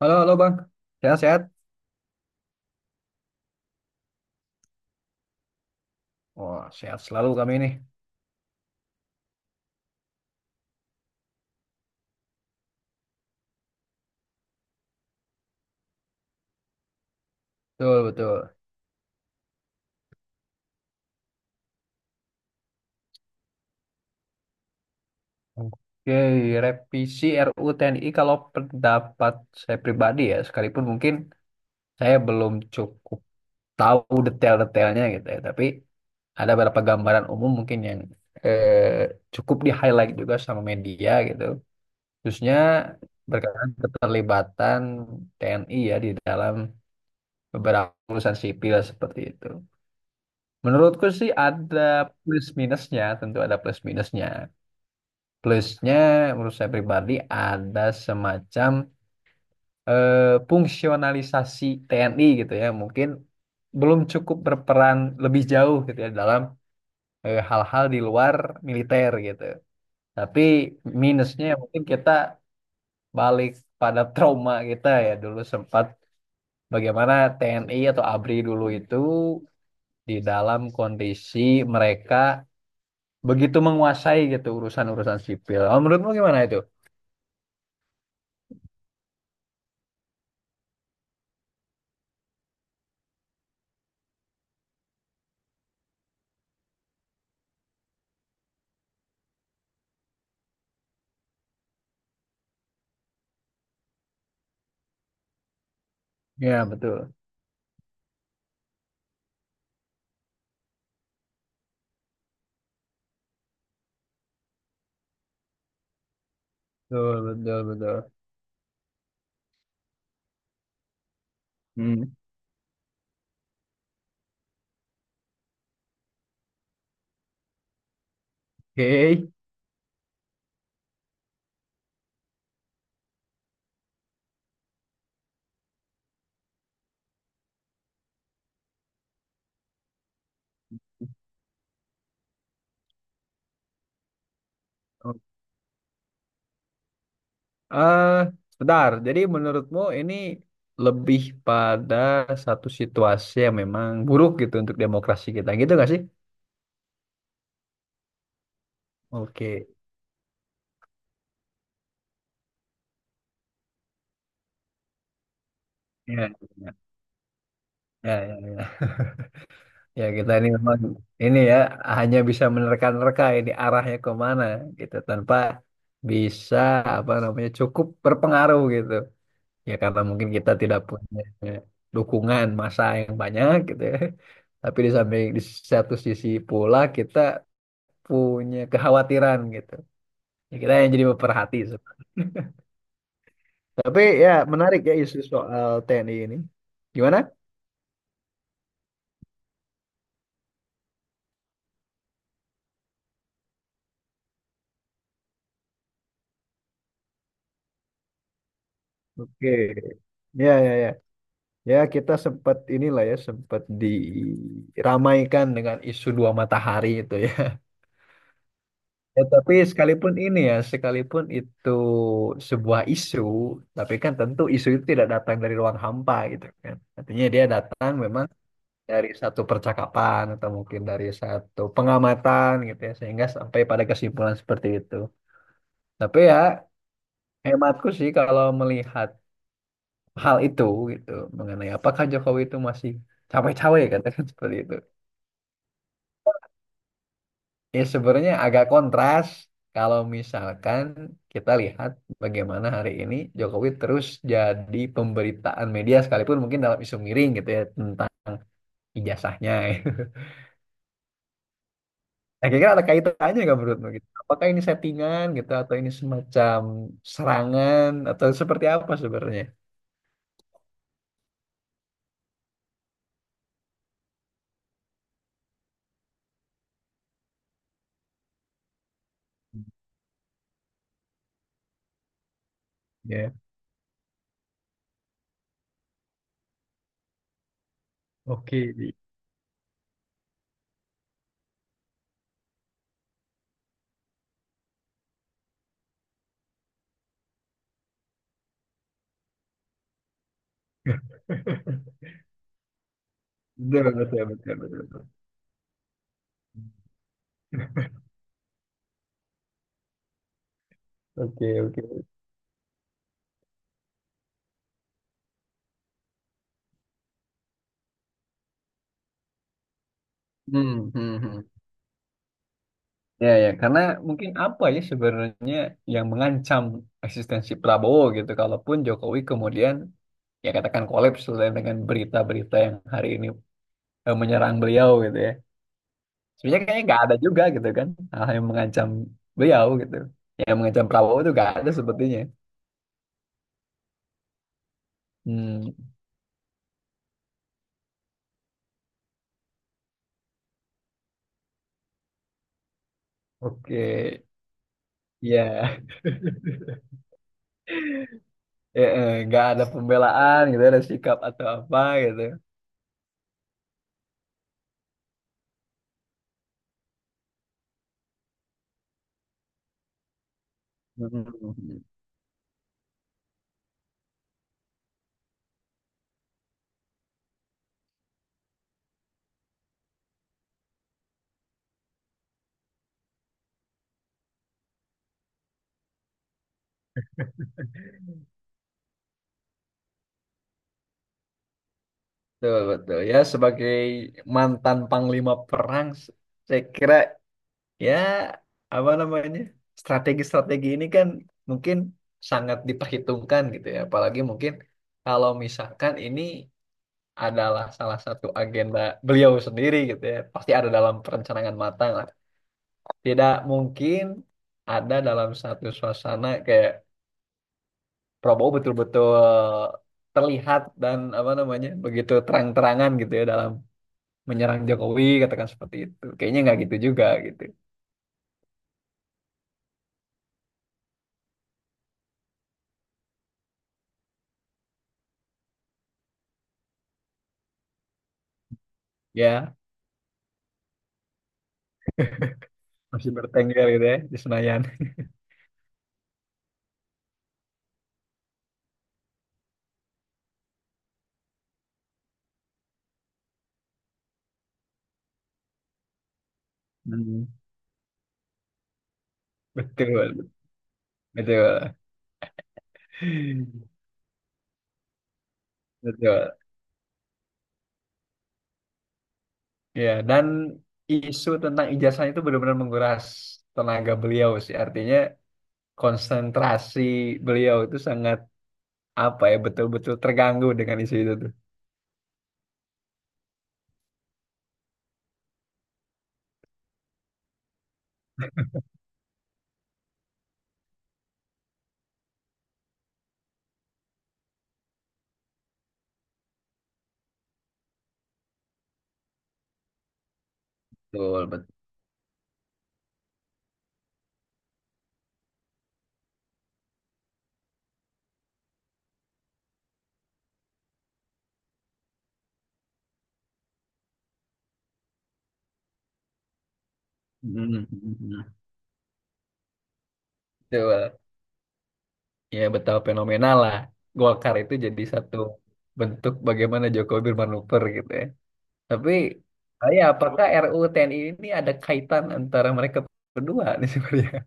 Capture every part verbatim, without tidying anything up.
Halo, halo Bang. Sehat-sehat? Wah, sehat selalu kami ini. Betul, betul. Oke, revisi R U U T N I kalau pendapat saya pribadi ya, sekalipun mungkin saya belum cukup tahu detail-detailnya gitu ya, tapi ada beberapa gambaran umum mungkin yang eh, cukup di-highlight juga sama media gitu. Khususnya berkaitan keterlibatan T N I ya di dalam beberapa urusan sipil seperti itu. Menurutku sih ada plus minusnya, tentu ada plus minusnya. Plusnya menurut saya pribadi ada semacam eh, fungsionalisasi T N I gitu ya, mungkin belum cukup berperan lebih jauh gitu ya dalam eh, hal-hal di luar militer gitu. Tapi minusnya ya mungkin kita balik pada trauma kita ya dulu sempat bagaimana T N I atau ABRI dulu itu di dalam kondisi mereka begitu menguasai gitu urusan-urusan sipil. Oh, menurutmu gimana itu? Ya, betul. Betul, betul, betul. Hmm. Oke. Oh, eh, sebentar. Jadi menurutmu ini lebih pada satu situasi yang memang buruk gitu untuk demokrasi kita. Gitu gak sih? Oke. Ya, ya, ya, ya. Ya, ya, kita ini memang ini ya hanya bisa menerka-nerka ini arahnya kemana gitu tanpa bisa apa namanya cukup berpengaruh gitu. Ya karena mungkin kita tidak punya dukungan massa yang banyak gitu ya. Tapi di samping di satu sisi pula kita punya kekhawatiran gitu. Ya, kita yang jadi pemerhati. Tapi ya menarik ya isu soal T N I ini. Gimana? Oke. Ya, ya, ya. Ya kita sempat inilah ya sempat diramaikan dengan isu dua matahari itu ya. Ya, tapi sekalipun ini ya, sekalipun itu sebuah isu, tapi kan tentu isu itu tidak datang dari ruang hampa gitu kan. Artinya dia datang memang dari satu percakapan atau mungkin dari satu pengamatan gitu ya, sehingga sampai pada kesimpulan seperti itu. Tapi ya hematku sih kalau melihat hal itu gitu mengenai apakah Jokowi itu masih cawe-cawe katakan seperti itu. Ya sebenarnya agak kontras kalau misalkan kita lihat bagaimana hari ini Jokowi terus jadi pemberitaan media sekalipun mungkin dalam isu miring gitu ya tentang ijazahnya. Nah, kira-kira ada kaitannya nggak menurutmu gitu? Apakah ini settingan gitu atau ini semacam serangan atau seperti apa sebenarnya? Ya, oke. Betul, betul, betul, betul. Oke, oke. Hmm, hmm, hmm. Ya, ya, karena mungkin apa ya sebenarnya yang mengancam eksistensi Prabowo gitu, kalaupun Jokowi kemudian ya katakan kolaps lah dengan berita-berita yang hari ini eh, menyerang beliau gitu ya. Sebenarnya kayaknya nggak ada juga gitu kan hal yang mengancam beliau gitu, yang mengancam Prabowo itu nggak ada sepertinya. Hmm, oke, ya, ya, eh, nggak ada pembelaan gitu, ada sikap atau apa gitu. Hmm. Betul, betul. Ya, sebagai mantan panglima perang, s- saya kira ya apa namanya strategi-strategi ini kan mungkin sangat diperhitungkan gitu ya. Apalagi mungkin kalau misalkan ini adalah salah satu agenda beliau sendiri gitu ya, pasti ada dalam perencanaan matang lah. Tidak mungkin ada dalam satu suasana kayak Prabowo betul-betul terlihat dan apa namanya begitu terang-terangan gitu ya dalam menyerang Jokowi katakan seperti itu kayaknya nggak gitu juga gitu ya masih bertengger gitu ya di Senayan. Hmm, betul, betul, betul, ya dan isu tentang ijazah itu benar-benar menguras tenaga beliau sih artinya konsentrasi beliau itu sangat apa ya betul-betul terganggu dengan isu itu tuh. Betul, betul. Hmm. Betul. Ya betapa fenomenal lah Golkar itu jadi satu bentuk bagaimana Jokowi bermanuver gitu ya. Tapi saya apakah R U U T N I ini ada kaitan antara mereka berdua nih sebenarnya?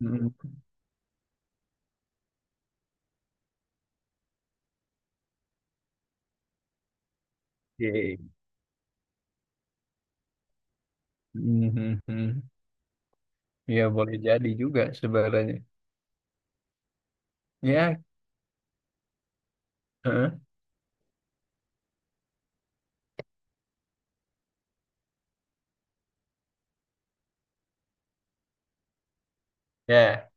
Hmm, oke. Hmm, hmm, hmm. Ya boleh jadi juga sebenarnya. Ya, heeh. Ya,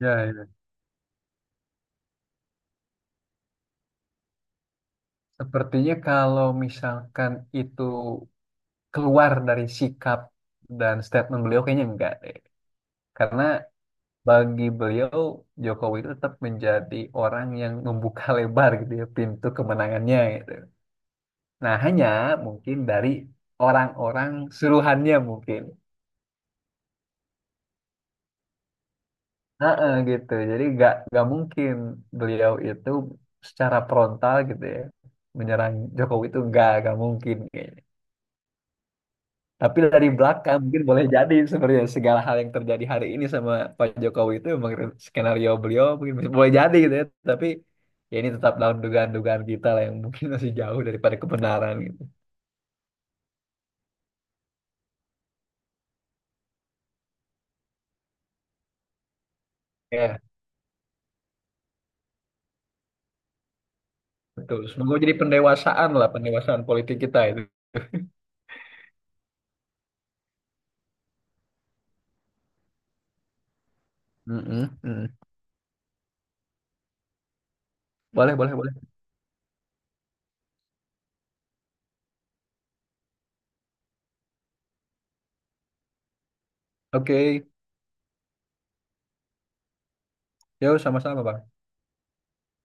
ya, ya. Sepertinya kalau misalkan itu keluar dari sikap dan statement beliau kayaknya enggak deh. Karena bagi beliau Jokowi itu tetap menjadi orang yang membuka lebar gitu ya pintu kemenangannya gitu. Nah, hanya mungkin dari orang-orang suruhannya mungkin. Heeh, gitu. Jadi nggak nggak mungkin beliau itu secara frontal gitu ya menyerang Jokowi itu nggak nggak mungkin kayaknya. Tapi dari belakang mungkin boleh jadi sebenarnya segala hal yang terjadi hari ini sama Pak Jokowi itu memang skenario beliau mungkin masih- boleh jadi gitu ya. Tapi ya ini tetap dalam dugaan-dugaan kita lah yang mungkin masih jauh daripada kebenaran gitu. Ya, betul. Semoga jadi pendewasaan lah pendewasaan politik kita itu. Mm-mm, mm-mm. Boleh, boleh, boleh. Oke, yuk, sama-sama, Bang.